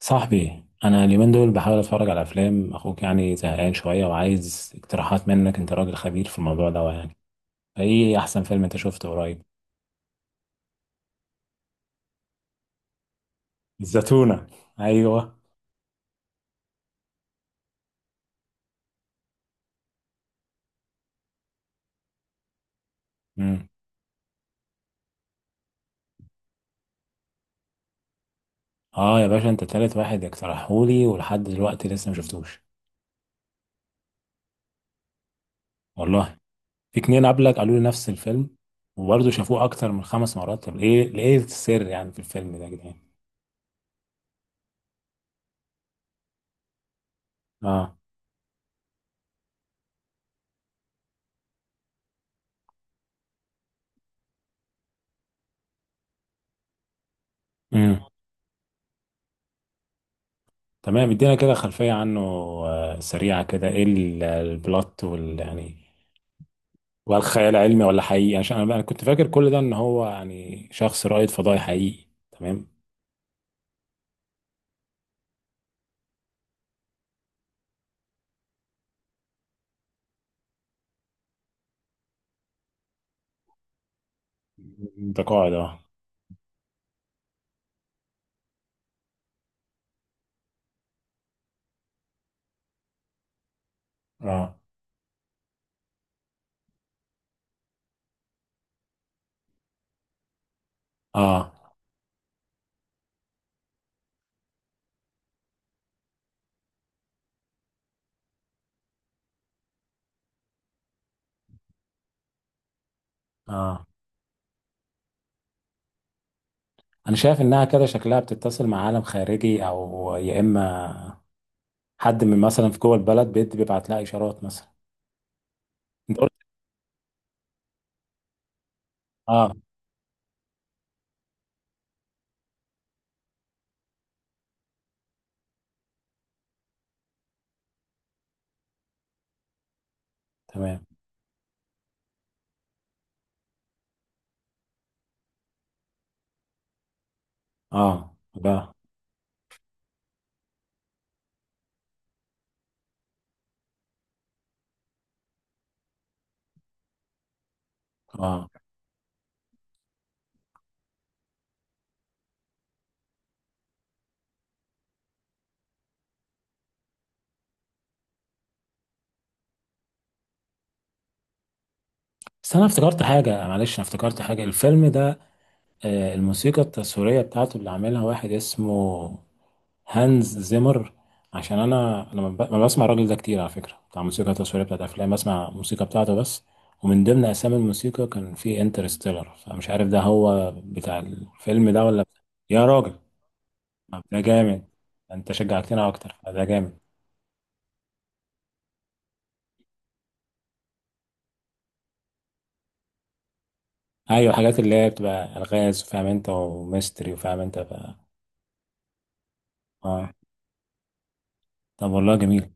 صاحبي، انا اليومين دول بحاول اتفرج على افلام. اخوك يعني زهقان شويه وعايز اقتراحات منك، انت راجل خبير في الموضوع ده يعني. ايه احسن فيلم انت شفته قريب؟ الزتونة؟ ايوه. امم. اه يا باشا، انت تالت واحد اقترحهولي ولحد دلوقتي لسه ما شفتوش. والله في اتنين قبلك قالوا لي نفس الفيلم، وبرضه شافوه اكتر من 5 مرات. طب ايه السر يعني في الفيلم ده يا جدعان؟ اه. امم تمام، ادينا كده خلفيه عنه. سريعه كده، ايه البلوت يعني، وهل خيال علمي ولا حقيقي؟ يعني عشان انا كنت فاكر كل ده ان هو يعني شخص رائد فضائي حقيقي. تمام. ده قاعدة. اه. اه. اه. اه. انا شايف انها كده شكلها بتتصل مع عالم خارجي، او يا اما حد من مثلا في جوه البلد بيبعت لها اشارات مثلا. انت قلت. اه، تمام. اه. ده. اه. بس انا افتكرت حاجه، معلش، انا افتكرت حاجه الفيلم ده. الموسيقى التصويريه بتاعته اللي عاملها واحد اسمه هانز زيمر. عشان انا ما بسمع الراجل ده كتير على فكره، بتاع موسيقى تصويريه بتاعت افلام، بسمع موسيقى بتاعته بس. ومن ضمن اسامي الموسيقى كان في انترستيلر، فمش عارف ده هو بتاع الفيلم ده ولا بتاع. يا راجل! طب ده جامد، انت شجعتنا اكتر. ده جامد. ايوه، الحاجات اللي هي بتبقى الغاز، فاهم انت، وميستري، وفاهم انت اه. طب والله جميل.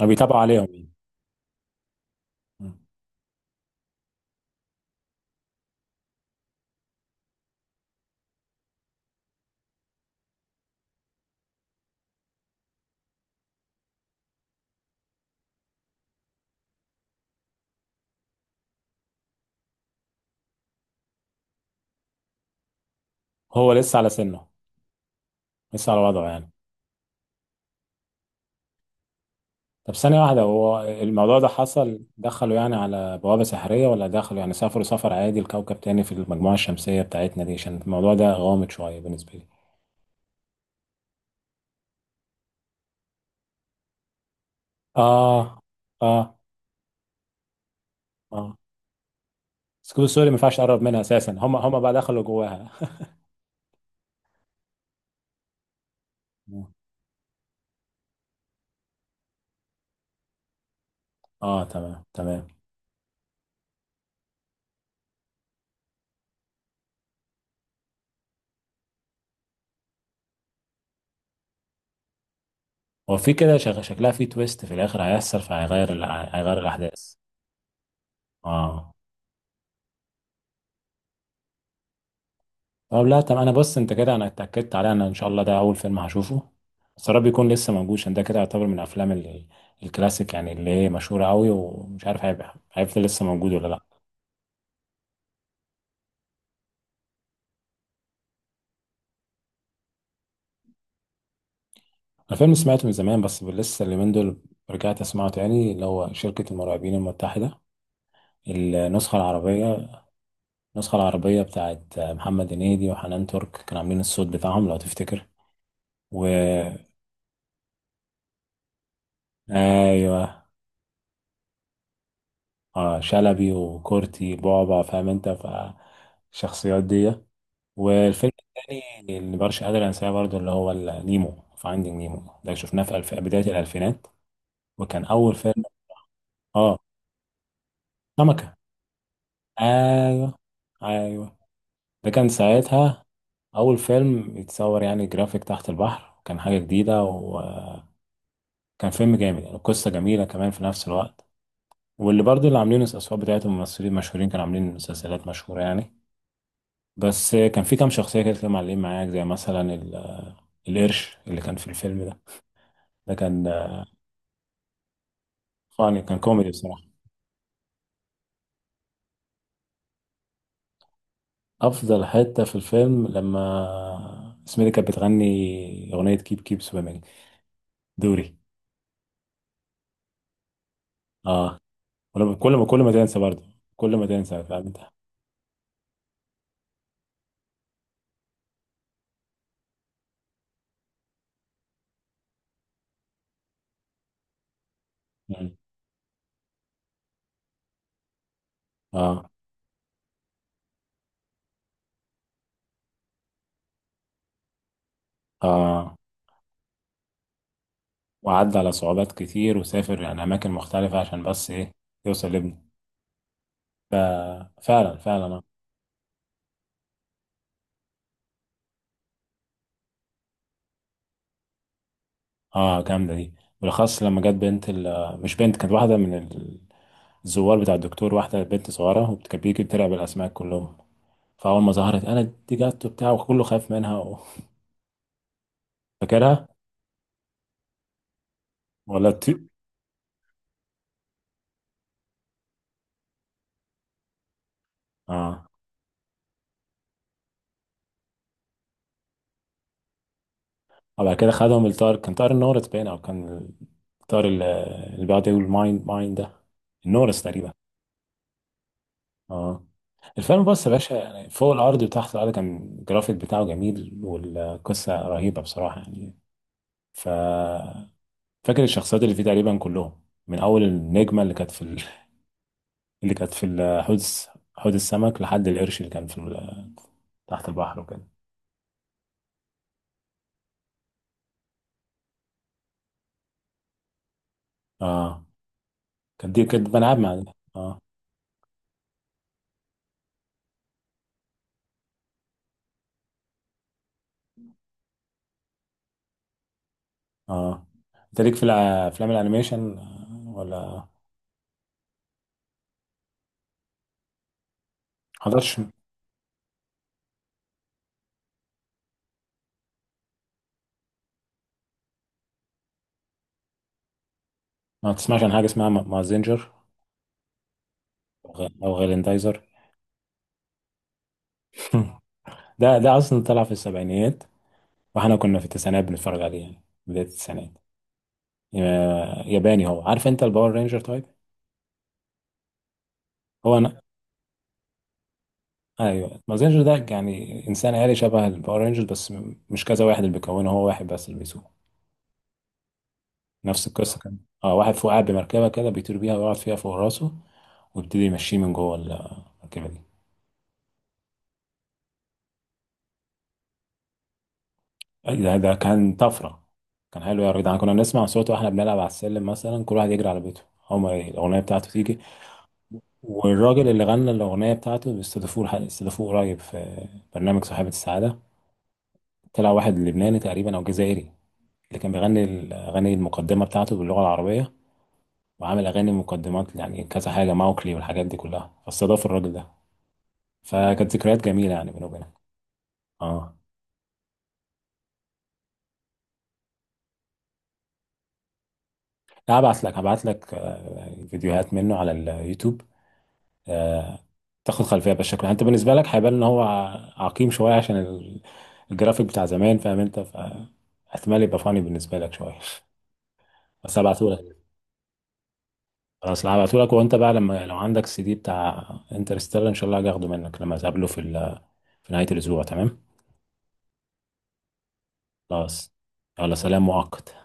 طب بيتابعوا عليهم مين؟ هو لسه على سنه، لسه على وضعه يعني. طب ثانية واحدة، هو الموضوع ده حصل دخلوا يعني على بوابة سحرية، ولا دخلوا يعني سافروا سفر عادي لكوكب تاني في المجموعة الشمسية بتاعتنا دي؟ عشان الموضوع ده غامض شوية بالنسبة لي. اه. اه. اه. سكوب سوري ما ينفعش اقرب منها اساسا، هم بقى دخلوا جواها. اه، تمام تمام. هو في كده شكلها في تويست في الاخر هيحصل، هيغير الاحداث. اه. طب لا، طب انا بص، انت كده انا اتاكدت عليه. انا ان شاء الله ده اول فيلم هشوفه، بس يا رب يكون لسه موجود، عشان ده كده يعتبر من الافلام الكلاسيك يعني، اللي هي مشهوره قوي. ومش عارف هيفضل لسه موجود ولا لا. الفيلم سمعته من زمان، بس لسه اليومين دول رجعت اسمعه تاني، اللي هو شركه المرعبين المتحده. النسخه العربيه. النسخه العربيه بتاعت محمد هنيدي وحنان ترك كانوا عاملين الصوت بتاعهم لو تفتكر. و، ايوه. اه، شلبي وكورتي بعبع، فاهم انت؟ فالشخصيات دي. والفيلم التاني اللي مبقاش قادر انساه برضه، اللي هو ال- نيمو فايندينج نيمو، ده شفناه في بداية الألفينات، وكان أول فيلم. اه، سمكة. أيوه. أيوه. ده كان ساعتها أول فيلم يتصور يعني جرافيك تحت البحر، كان حاجة جديدة، وكان فيلم جامد يعني، قصة جميلة كمان في نفس الوقت. واللي برضه اللي عاملين الأصوات بتاعتهم ممثلين مشهورين كانوا عاملين مسلسلات مشهورة يعني. بس كان في كام شخصية كده كانوا معلقين معاك، زي مثلا القرش اللي كان في الفيلم ده كان فاني، كان كوميدي بصراحة. أفضل حتة في الفيلم لما سميري كانت بتغني أغنية كيب كيب سويمينج، دوري. اه، ولما كل ما تنسى برضه، كل ما تنسى، فاهم انت؟ مم. اه. اه، وعدى على صعوبات كتير، وسافر يعني أماكن مختلفة عشان بس إيه، يوصل لابنه. ففعلا فعلا. اه، جامدة دي. بالأخص لما جت مش بنت، كانت واحدة من الزوار بتاع الدكتور، واحدة بنت صغيرة، وكانت بتيجي بتلعب الأسماك كلهم. فاول ما ظهرت، انا دي جت وبتاع وكله خايف منها و، فاكرها؟ ولا الطير؟ اه، وبعد كده خدهم الطائر، كان طائر النورس باين، او كان الطائر اللي بيقعد يقول ماين ماين، ده النورس تقريبا. اه. الفيلم بص يا باشا يعني فوق الارض وتحت الارض، كان الجرافيك بتاعه جميل والقصه رهيبه بصراحه يعني. ف، فاكر الشخصيات اللي فيه تقريبا كلهم، من اول النجمه اللي كانت في حوض السمك، لحد القرش اللي كان في تحت البحر وكده. اه، كانت دي كانت بنلعب مع ده. اه اه. انت ليك في افلام الانيميشن ولا حضرتش؟ ما تسمعش عن حاجه اسمها مازينجر، أو غاليندايزر؟ ده اصلا طلع في السبعينيات. واحنا كنا في التسعينات بنتفرج عليه يعني بدايه التسعينات. ياباني. هو عارف انت الباور رينجر؟ طيب. هو انا. ايوه، مازينجر ده يعني انسان آلي شبه الباور رينجر، بس مش كذا واحد اللي بيكونه، هو واحد بس اللي بيسوقه. نفس القصه كان اه واحد فوق قاعد بمركبه كده بيطير بيها ويقعد فيها فوق راسه، ويبتدي يمشيه من جوه المركبه دي. أي، ده كان طفره، كان حلو يا جدعان. كنا بنسمع صوته واحنا بنلعب على السلم مثلا، كل واحد يجري على بيته. هما الاغنيه بتاعته تيجي. والراجل اللي غنى الاغنيه بتاعته بيستضيفوه استضافوه قريب في برنامج صاحبة السعاده. طلع واحد لبناني تقريبا او جزائري، اللي كان بيغني الاغاني المقدمه بتاعته باللغه العربيه. وعامل اغاني مقدمات يعني كذا حاجه، ماوكلي والحاجات دي كلها، فاستضاف الراجل ده. فكانت ذكريات جميله يعني بينه وبينه. اه، هبعت لك فيديوهات منه على اليوتيوب. آه، تاخد خلفيه بالشكل. انت بالنسبه لك هيبان ان هو عقيم شويه، عشان الجرافيك بتاع زمان، فاهم انت؟ فاحتمال يبقى فاني بالنسبه لك شويه. بس هبعته لك. خلاص هبعته لك. وانت بقى لما لو عندك السي دي بتاع انترستيلر، ان شاء الله هاجي اخده منك لما اقابله في نهايه الاسبوع، تمام؟ خلاص. يلا، سلام مؤقت.